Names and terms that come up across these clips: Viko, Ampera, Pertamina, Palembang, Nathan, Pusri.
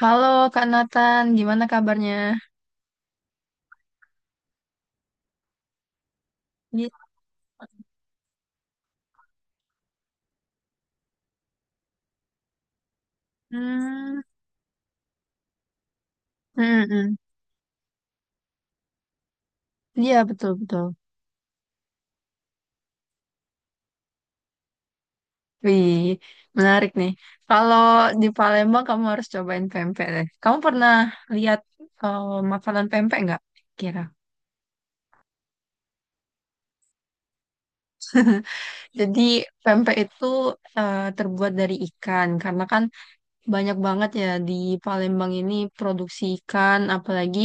Halo Kak Nathan, gimana kabarnya? Iya. Hmm, hmm, hmm. Iya betul-betul. Wih, menarik nih. Kalau di Palembang kamu harus cobain pempek deh. Kamu pernah lihat eh, makanan pempek nggak? Kira. Jadi pempek itu terbuat dari ikan karena kan banyak banget ya di Palembang ini produksi ikan, apalagi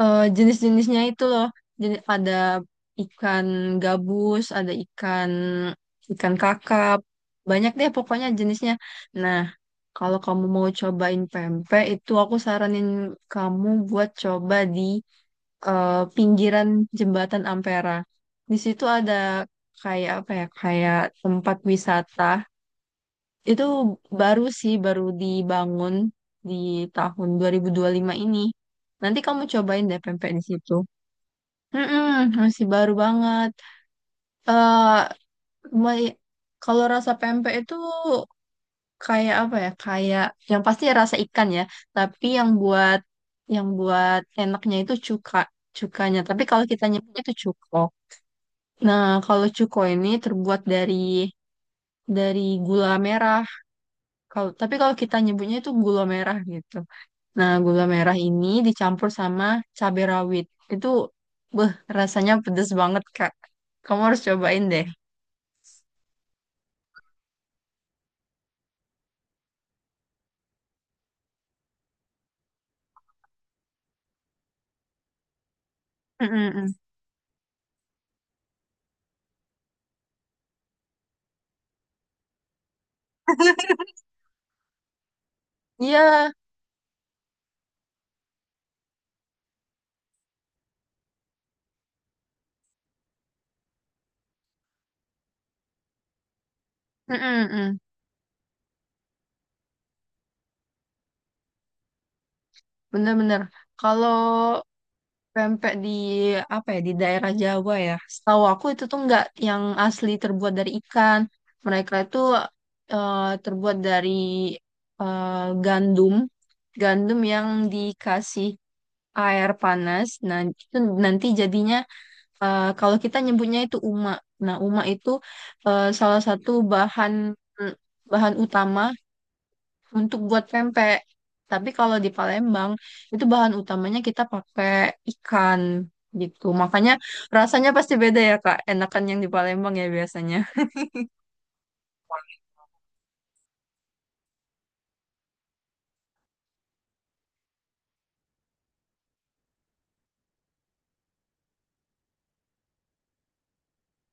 jenis-jenisnya itu loh. Jadi ada ikan gabus, ada ikan ikan kakap, banyak deh pokoknya jenisnya. Nah, kalau kamu mau cobain pempek itu aku saranin kamu buat coba di eh, pinggiran jembatan Ampera. Di situ ada kayak apa ya, kayak tempat wisata. Itu baru sih, baru dibangun di tahun dua dua ribu dua puluh lima ini. Nanti kamu cobain deh pempek di situ. Mm-mm, masih baru banget. eh me- Kalau rasa pempek itu kayak apa ya? Kayak yang pasti rasa ikan ya. Tapi yang buat enaknya itu cukanya. Tapi kalau kita nyebutnya itu cuko. Nah, kalau cuko ini terbuat dari gula merah. Tapi kalau kita nyebutnya itu gula merah gitu. Nah, gula merah ini dicampur sama cabai rawit. Itu, beh, rasanya pedes banget, Kak. Kamu harus cobain deh. Mm-mm, mm. Iya, mm-mm, mm. Bener-bener. Kalau pempek di apa ya di daerah Jawa ya, setahu aku itu tuh nggak yang asli terbuat dari ikan. Mereka itu eh, terbuat dari eh, gandum, gandum yang dikasih air panas. Nah itu nanti jadinya kalau kita nyebutnya itu uma. Nah uma itu salah satu bahan bahan utama untuk buat pempek. Tapi kalau di Palembang itu bahan utamanya kita pakai ikan gitu. Makanya rasanya pasti beda ya Kak. Enakan yang di Palembang ya biasanya.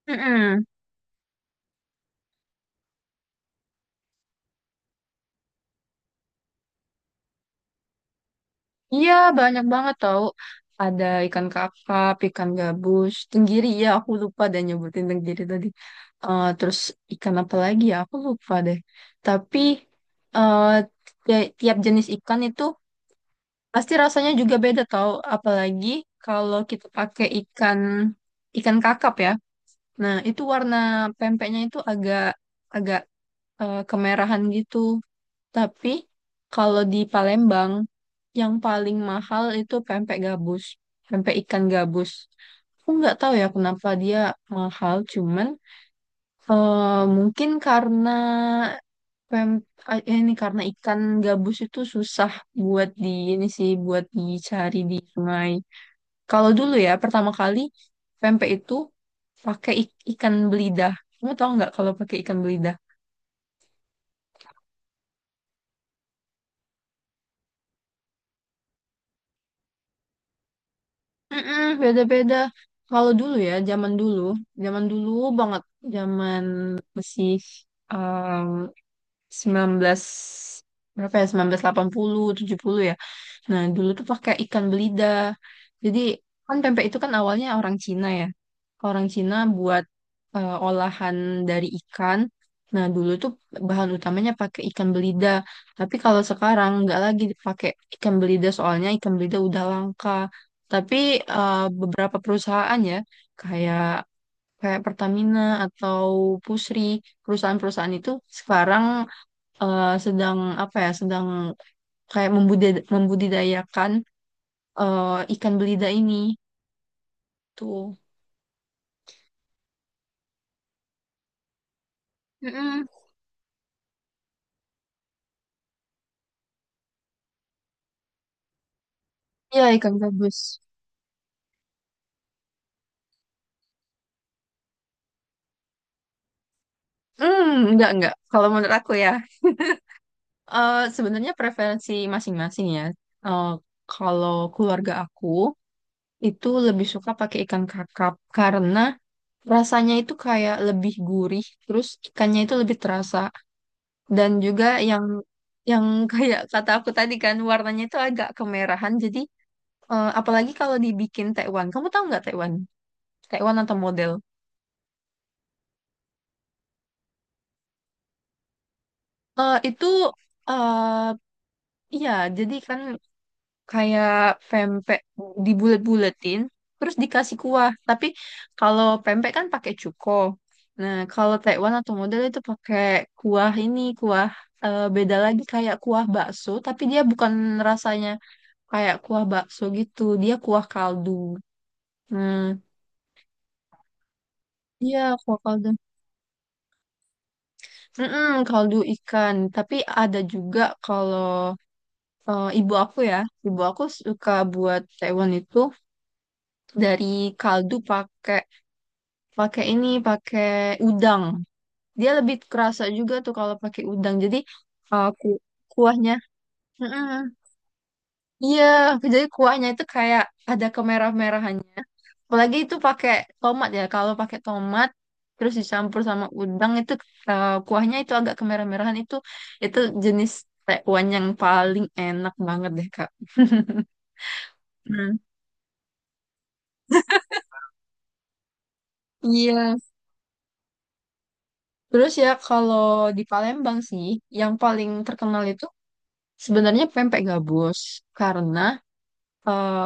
Mm-mm. Iya banyak banget tau. Ada ikan kakap, ikan gabus, tenggiri ya aku lupa dan nyebutin tenggiri tadi. Terus ikan apa lagi ya aku lupa deh. Tapi eh, tiap jenis ikan itu pasti rasanya juga beda tau, apalagi kalau kita pakai ikan ikan kakap ya. Nah, itu warna pempeknya itu agak agak kemerahan gitu. Tapi kalau di Palembang yang paling mahal itu pempek gabus, pempek ikan gabus. Aku nggak tahu ya kenapa dia mahal, cuman mungkin karena Pem ini karena ikan gabus itu susah buat di ini sih buat dicari di sungai. Kalau dulu ya pertama kali pempek itu pakai ikan belidah. Kamu tahu nggak kalau pakai ikan belidah? Mm-mm, beda-beda. Kalau dulu ya zaman dulu banget, zaman masih um, 19 berapa ya sembilan belas delapan puluh tujuh puluh ya. Nah, dulu tuh pakai ikan belida. Jadi kan pempek itu kan awalnya orang Cina ya. Orang Cina buat olahan dari ikan. Nah, dulu tuh bahan utamanya pakai ikan belida. Tapi kalau sekarang nggak lagi dipakai ikan belida soalnya ikan belida udah langka. Tapi beberapa perusahaan ya kayak kayak Pertamina atau Pusri, perusahaan-perusahaan itu sekarang sedang apa ya, sedang kayak membudidayakan eh, ikan belida ini tuh. Mm-mm. Iya, ikan gabus. Hmm, enggak, enggak. Kalau menurut aku ya, sebenarnya preferensi masing-masing ya. Eh, Kalau keluarga aku itu lebih suka pakai ikan kakap karena rasanya itu kayak lebih gurih, terus ikannya itu lebih terasa. Dan juga yang kayak kata aku tadi kan warnanya itu agak kemerahan. Jadi apalagi kalau dibikin tekwan. Kamu tahu nggak tekwan? Tekwan atau model? Itu eh iya, jadi kan kayak pempek dibulet-buletin terus dikasih kuah. Tapi kalau pempek kan pakai cuko. Nah, kalau Taiwan atau model itu pakai kuah ini kuah beda lagi kayak kuah bakso. Tapi dia bukan rasanya kayak kuah bakso gitu, dia kuah kaldu. hmm iya, kuah kaldu. Mm-mm, kaldu ikan tapi ada juga kalau eh, ibu aku ya, ibu aku suka buat taiwan itu dari kaldu pakai pakai ini, pakai udang. Dia lebih kerasa juga tuh kalau pakai udang. Jadi eh, ku- kuahnya, Mm-mm. Iya, jadi kuahnya itu kayak ada kemerah-merahannya. Apalagi itu pakai tomat ya. Kalau pakai tomat terus dicampur sama udang itu kuahnya itu agak kemerah-merahan itu jenis Taiwan yang paling enak banget deh Kak. Hmm. Iya. Terus ya kalau di Palembang sih, yang paling terkenal itu sebenarnya pempek gabus karena eh,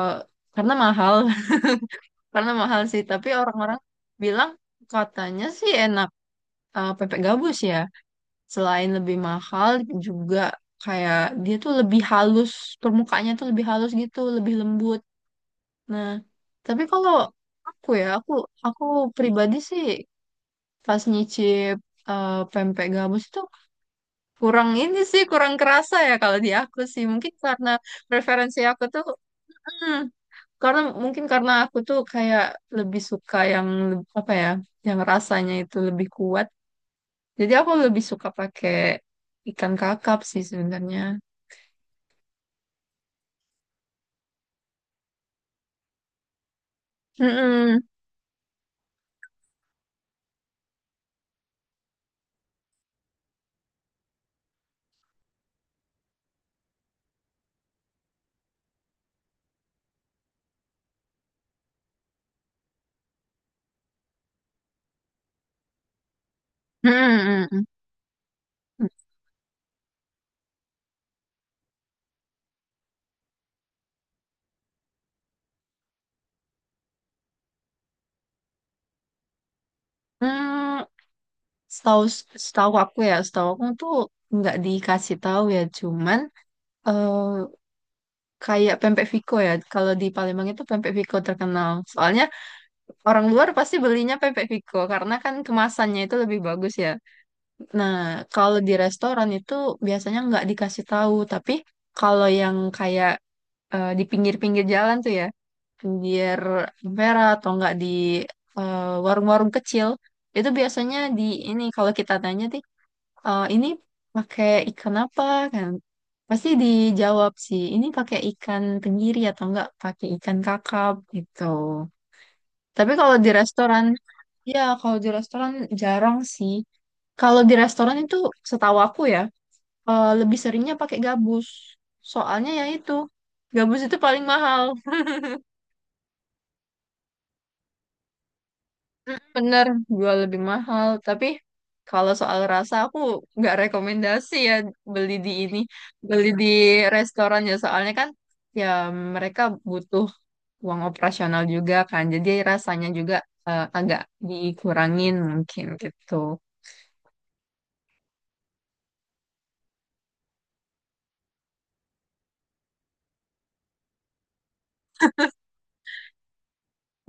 karena mahal, karena mahal sih. Tapi orang-orang bilang katanya sih enak pempek gabus ya. Selain lebih mahal juga kayak dia tuh lebih halus, permukaannya tuh lebih halus gitu, lebih lembut. Nah, tapi kalau aku ya, aku pribadi sih pas nyicip pempek gabus itu kurang ini sih, kurang kerasa ya kalau di aku sih. Mungkin karena preferensi aku tuh, hmm, karena mungkin karena aku tuh kayak lebih suka yang apa ya, yang rasanya itu lebih kuat. Jadi aku lebih suka pakai ikan kakap sih sebenarnya. Mm-mm. Mm-mm. Hmm, setahu setahu aku ya, setahu aku tuh nggak dikasih tahu ya, cuman eh kayak pempek Viko ya. Kalau di Palembang itu pempek Viko terkenal. Soalnya orang luar pasti belinya pempek Vico karena kan kemasannya itu lebih bagus ya. Nah, kalau di restoran itu biasanya nggak dikasih tahu, tapi kalau yang kayak di pinggir-pinggir jalan tuh ya, pinggir Ampera atau nggak di eh, warung-warung kecil, itu biasanya di ini kalau kita tanya sih, "Eh, ini pakai ikan apa kan?" Pasti dijawab sih, ini pakai ikan tenggiri atau enggak pakai ikan kakap gitu. Tapi kalau di restoran Ya, kalau di restoran jarang sih. Kalau di restoran itu setahu aku ya, lebih seringnya pakai gabus. Soalnya ya itu, gabus itu paling mahal. Bener, jual lebih mahal. Tapi kalau soal rasa aku nggak rekomendasi ya beli di ini, beli di restoran ya. Soalnya kan ya mereka butuh uang operasional juga kan. Jadi rasanya juga agak dikurangin mungkin gitu.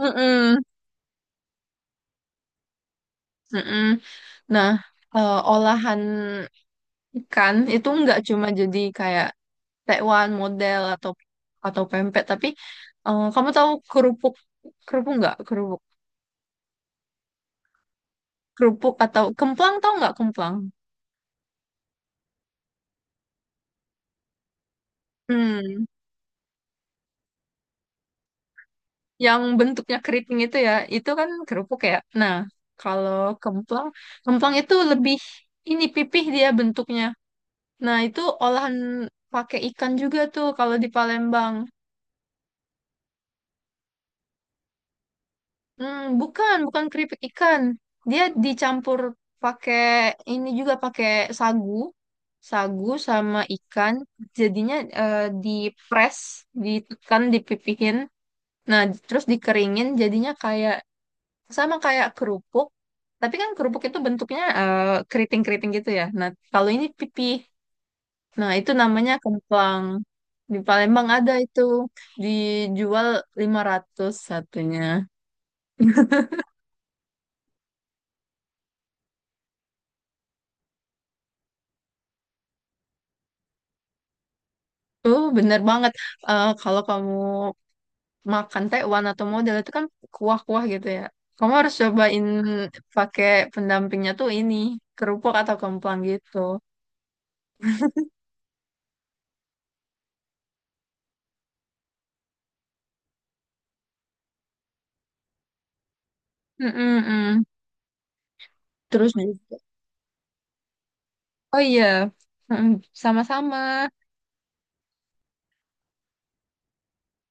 Mm-mm. Mm-mm. Nah, olahan ikan itu nggak cuma jadi kayak tekwan model atau pempek, tapi kamu tahu kerupuk kerupuk nggak kerupuk kerupuk atau kemplang tahu nggak kemplang? Hmm, yang bentuknya keriting itu ya, itu kan kerupuk ya. Nah, kalau kemplang, kemplang itu lebih ini pipih dia bentuknya. Nah, itu olahan pakai ikan juga tuh kalau di Palembang. Hmm, bukan, bukan keripik ikan. Dia dicampur pakai ini juga pakai sagu, sagu sama ikan. Jadinya eh, dipres, ditekan, dipipihin. Nah, terus dikeringin. Jadinya kayak sama kayak kerupuk. Tapi kan kerupuk itu bentuknya keriting-keriting gitu ya. Nah, kalau ini pipih. Nah, itu namanya kemplang. Di Palembang ada itu. Dijual 500 satunya. Oh, bener banget. Kalau kamu makan Taiwan atau model itu kan kuah-kuah gitu ya. Kamu harus cobain pakai pendampingnya tuh ini, kerupuk atau kemplang gitu. Mm-mm-mm. Terus juga. Oh iya, Mm-mm. Sama-sama.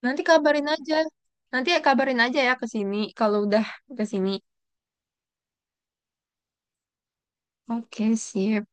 Nanti kabarin aja. Nanti ya kabarin aja ya ke sini kalau udah ke sini. Oke, sip.